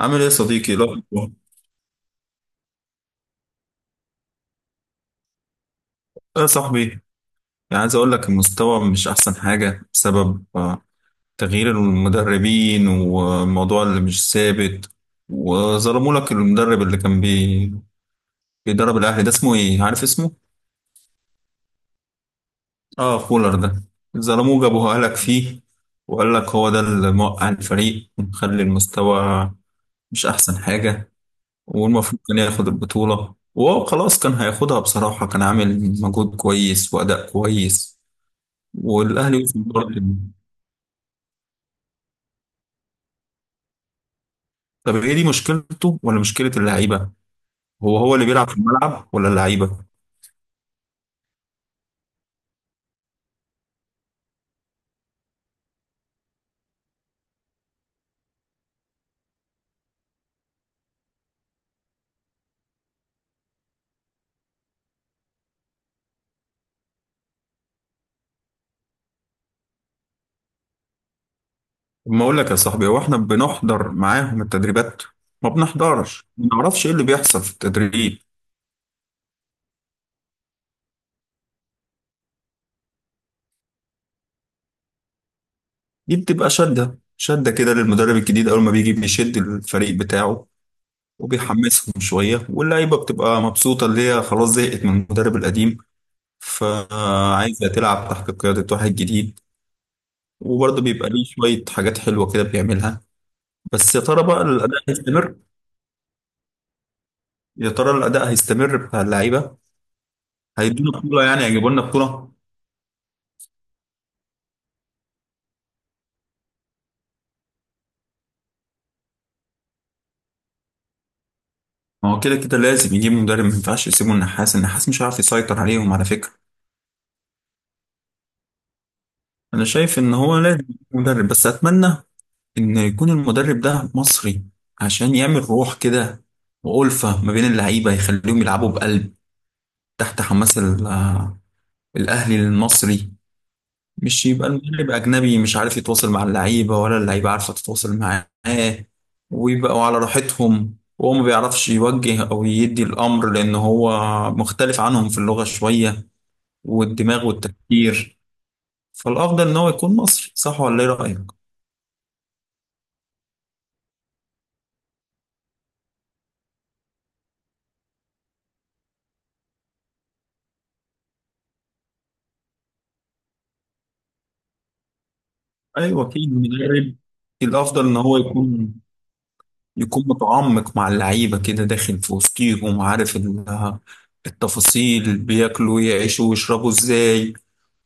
عامل ايه يا صديقي؟ لا والله. ايه يا صاحبي، يعني عايز اقول لك المستوى مش احسن حاجة بسبب تغيير المدربين والموضوع اللي مش ثابت. وظلموا لك المدرب اللي بيدرب الاهلي ده، اسمه ايه؟ عارف اسمه؟ اه، فولر ده. ظلموه، جابوه لك فيه وقال لك هو ده اللي موقع الفريق ومخلي المستوى مش احسن حاجة. والمفروض كان ياخد البطولة، وهو خلاص كان هياخدها، بصراحة كان عامل مجهود كويس وأداء كويس. والاهلي وصل دور الابطال. طب هي دي مشكلته ولا مشكله اللعيبه؟ هو اللي بيلعب في الملعب ولا اللعيبه؟ ما اقول لك يا صاحبي، هو احنا بنحضر معاهم التدريبات؟ ما بنحضرش، ما نعرفش ايه اللي بيحصل في التدريب. دي بتبقى شده شده كده للمدرب الجديد، اول ما بيجي بيشد الفريق بتاعه وبيحمسهم شويه، واللعيبه بتبقى مبسوطه اللي هي خلاص زهقت من المدرب القديم، فعايزه تلعب تحت قياده واحد جديد. وبرضه بيبقى ليه شويه حاجات حلوه كده بيعملها. بس يا ترى بقى الاداء هيستمر؟ يا ترى الاداء هيستمر بتاع اللعيبه؟ هيدونا بطوله؟ يعني هيجيبوا لنا بطوله؟ ما هو كده كده لازم يجيب مدرب، ما ينفعش يسيبوا النحاس. النحاس مش هيعرف يسيطر عليهم على فكره. انا شايف ان هو لازم يجيب مدرب، بس اتمنى ان يكون المدرب ده مصري، عشان يعمل روح كده وألفة ما بين اللعيبه، يخليهم يلعبوا بقلب تحت حماس الاهلي المصري. مش يبقى المدرب أجنبي مش عارف يتواصل مع اللعيبة، ولا اللعيبة عارفة تتواصل معاه، ويبقوا على راحتهم وهو ما بيعرفش يوجه أو يدي الأمر، لأن هو مختلف عنهم في اللغة شوية والدماغ والتفكير. فالأفضل إن هو يكون مصري، صح ولا إيه رأيك؟ أيوة، في المدرب الأفضل إن هو يكون يكون متعمق مع اللعيبة كده، داخل في وسطيهم، عارف التفاصيل، بياكلوا يعيشوا ويشربوا إزاي،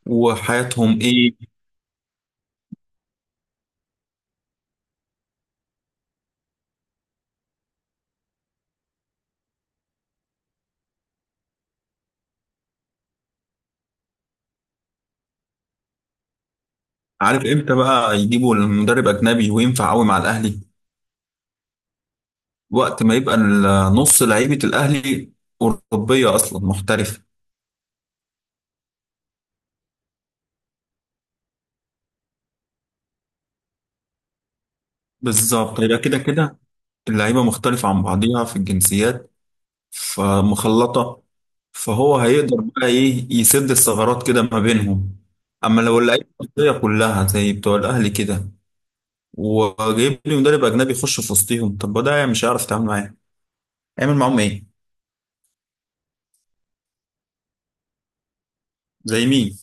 وحياتهم إيه. عارف امتى بقى يجيبوا المدرب اجنبي وينفع قوي مع الاهلي؟ وقت ما يبقى نص لعيبه الاهلي اوروبيه اصلا محترفه. بالظبط، يبقى كده كده اللعيبه مختلفه عن بعضيها في الجنسيات، فمخلطه، فهو هيقدر بقى ايه، يسد الثغرات كده ما بينهم. اما لو اللعيبه المصريه كلها زي بتوع الاهلي كده، وجايب لي مدرب اجنبي يخش في وسطهم، طب ما ده مش هيعرف يتعامل معاهم، هيعمل معاهم ايه؟ زي مين؟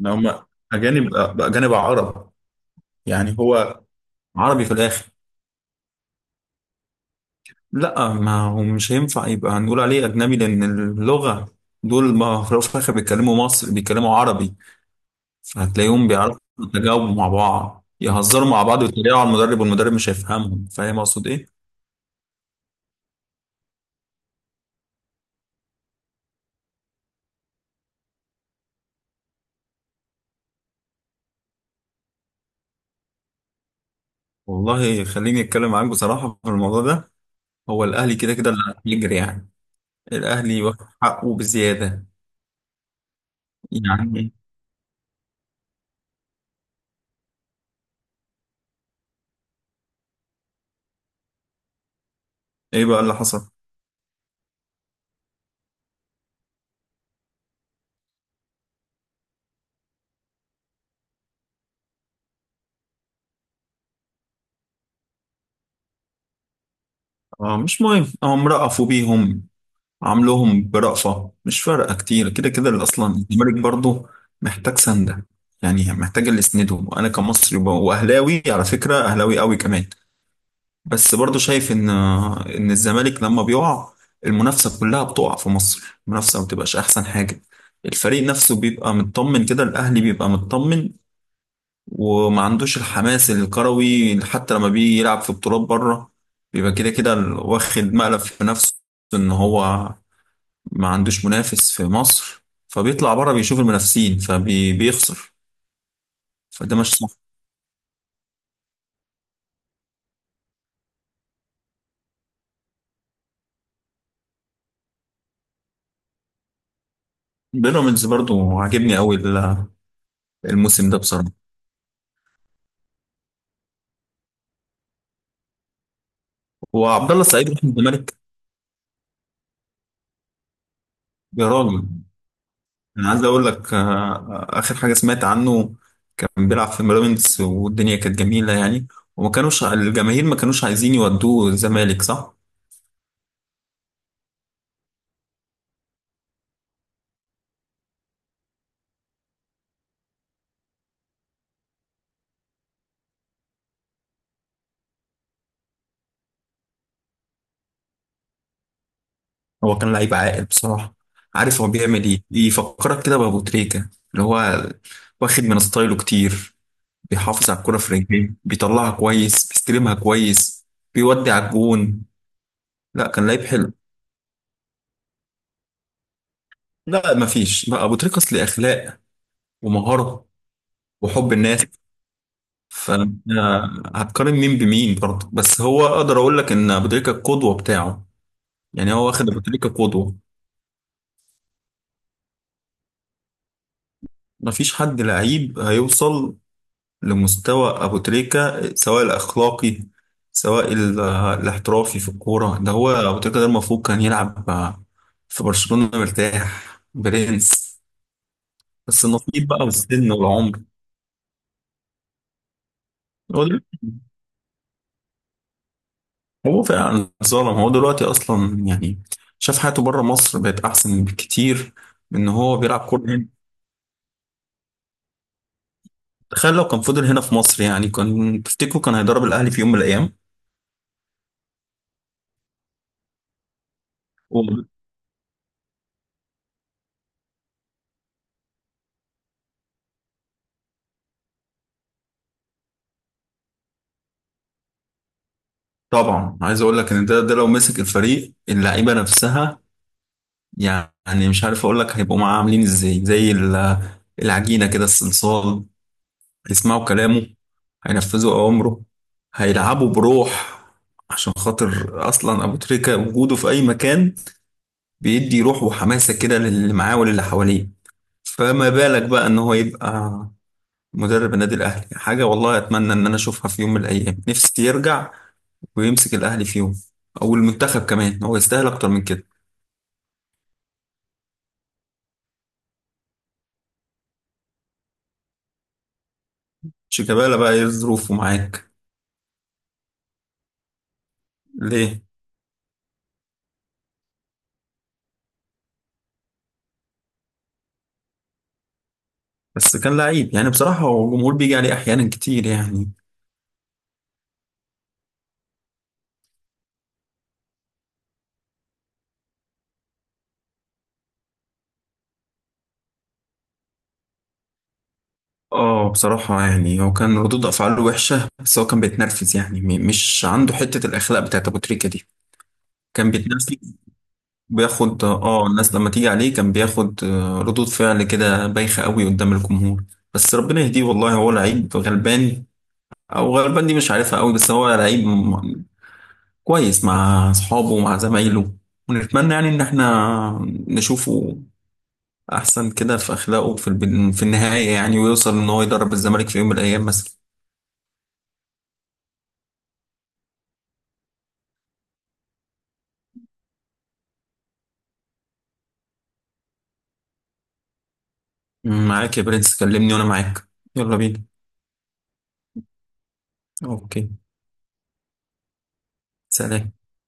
إن هم اجانب؟ اجانب عرب، يعني هو عربي في الآخر. لا، ما هو مش هينفع يبقى هنقول عليه أجنبي، لأن اللغة دول ما في الأول وفي الآخر بيتكلموا مصري، بيتكلموا عربي. هتلاقيهم بيعرفوا يتجاوبوا مع بعض، يهزروا مع بعض ويتريقوا على المدرب، والمدرب مش هيفهمهم. فاهم أقصد إيه؟ والله خليني أتكلم معاك بصراحة في الموضوع ده. هو الأهلي كده كده اللي هيجري يعني، الأهلي واخد حقه بزيادة. يعني إيه بقى اللي حصل؟ آه، مش مهم، هم رأفوا بيهم، عاملهم برأفة، مش فارقة كتير. كده كده اللي أصلا الزمالك برضه محتاج سندة، يعني محتاج اللي يسنده. وأنا كمصري وأهلاوي، على فكرة أهلاوي قوي كمان، بس برضه شايف إن إن الزمالك لما بيقع، المنافسة كلها بتقع في مصر، المنافسة ما بتبقاش أحسن حاجة. الفريق نفسه بيبقى مطمن كده، الأهلي بيبقى مطمن وما عندوش الحماس الكروي، حتى لما بيجي يلعب في بطولات بره بيبقى كده كده واخد مقلب في نفسه إن هو ما عندوش منافس في مصر، فبيطلع بره بيشوف المنافسين فبيخسر. فده مش صح. بيراميدز برضو عاجبني قوي الموسم ده بصراحه. وعبد الله السعيد راح الزمالك. يا راجل، انا عايز اقول لك اخر حاجه سمعت عنه كان بيلعب في بيراميدز والدنيا كانت جميله يعني، وما كانوش الجماهير، ما كانوش عايزين يودوه الزمالك، صح؟ هو كان لعيب عاقل بصراحه، عارف هو بيعمل ايه، يفكرك كده بابو تريكه، اللي هو واخد من ستايله كتير، بيحافظ على الكرة في رجليه، بيطلعها كويس، بيستلمها كويس، بيودي على الجون. لا، كان لعيب حلو. لا، مفيش، لا، ابو تريكس ليه اخلاق ومهارة وحب الناس. فأنا هتقارن مين بمين؟ برضه بس هو اقدر اقول لك ان ابو تريكة القدوة بتاعه، يعني هو واخد ابو تريكة قدوة. مفيش حد لعيب هيوصل لمستوى أبو تريكة، سواء الأخلاقي سواء الاحترافي في الكورة. ده هو أبو تريكة، ده المفروض كان يلعب في برشلونة مرتاح، برنس. بس النصيب بقى والسن والعمر. هو دلوقتي- هو فعلا ظالم. هو دلوقتي أصلا يعني شاف حياته بره مصر بقت أحسن بكتير من إن هو بيلعب كورة هنا. تخيل لو كان فضل هنا في مصر، يعني كان تفتكروا كان هيدرب الأهلي في يوم من الأيام؟ طبعا، عايز اقول لك ان ده لو مسك الفريق اللعيبه نفسها، يعني مش عارف اقول لك هيبقوا معاه عاملين ازاي، زي العجينة كده، الصلصال، هيسمعوا كلامه، هينفذوا اوامره، هيلعبوا بروح، عشان خاطر اصلا ابو تريكة وجوده في اي مكان بيدي روح وحماسة كده للي معاه وللي حواليه. فما بالك بقى ان هو يبقى مدرب النادي الاهلي، حاجة والله اتمنى ان انا اشوفها في يوم من الايام، نفسي يرجع ويمسك الاهلي في يوم، او المنتخب كمان، هو يستاهل اكتر من كده. شيكابالا بقى، ايه ظروفه معاك؟ ليه؟ بس كان لعيب يعني، بصراحة هو الجمهور بيجي عليه أحيانا كتير يعني. اه، بصراحة يعني هو كان ردود أفعاله وحشة، بس هو كان بيتنرفز يعني، مش عنده حتة الأخلاق بتاعت أبو تريكة دي. كان بيتنرفز، بياخد اه، الناس لما تيجي عليه كان بياخد ردود فعل كده بايخة قوي قدام الجمهور. بس ربنا يهديه والله. هو لعيب غلبان، أو غلبان دي مش عارفها قوي، بس هو لعيب كويس مع أصحابه ومع زمايله. ونتمنى يعني إن احنا نشوفه احسن كده في اخلاقه في في النهايه يعني، ويوصل ان هو يدرب الزمالك في يوم من الايام مثلا. معاك يا برنس، كلمني وانا معاك. يلا بينا. اوكي، سلام.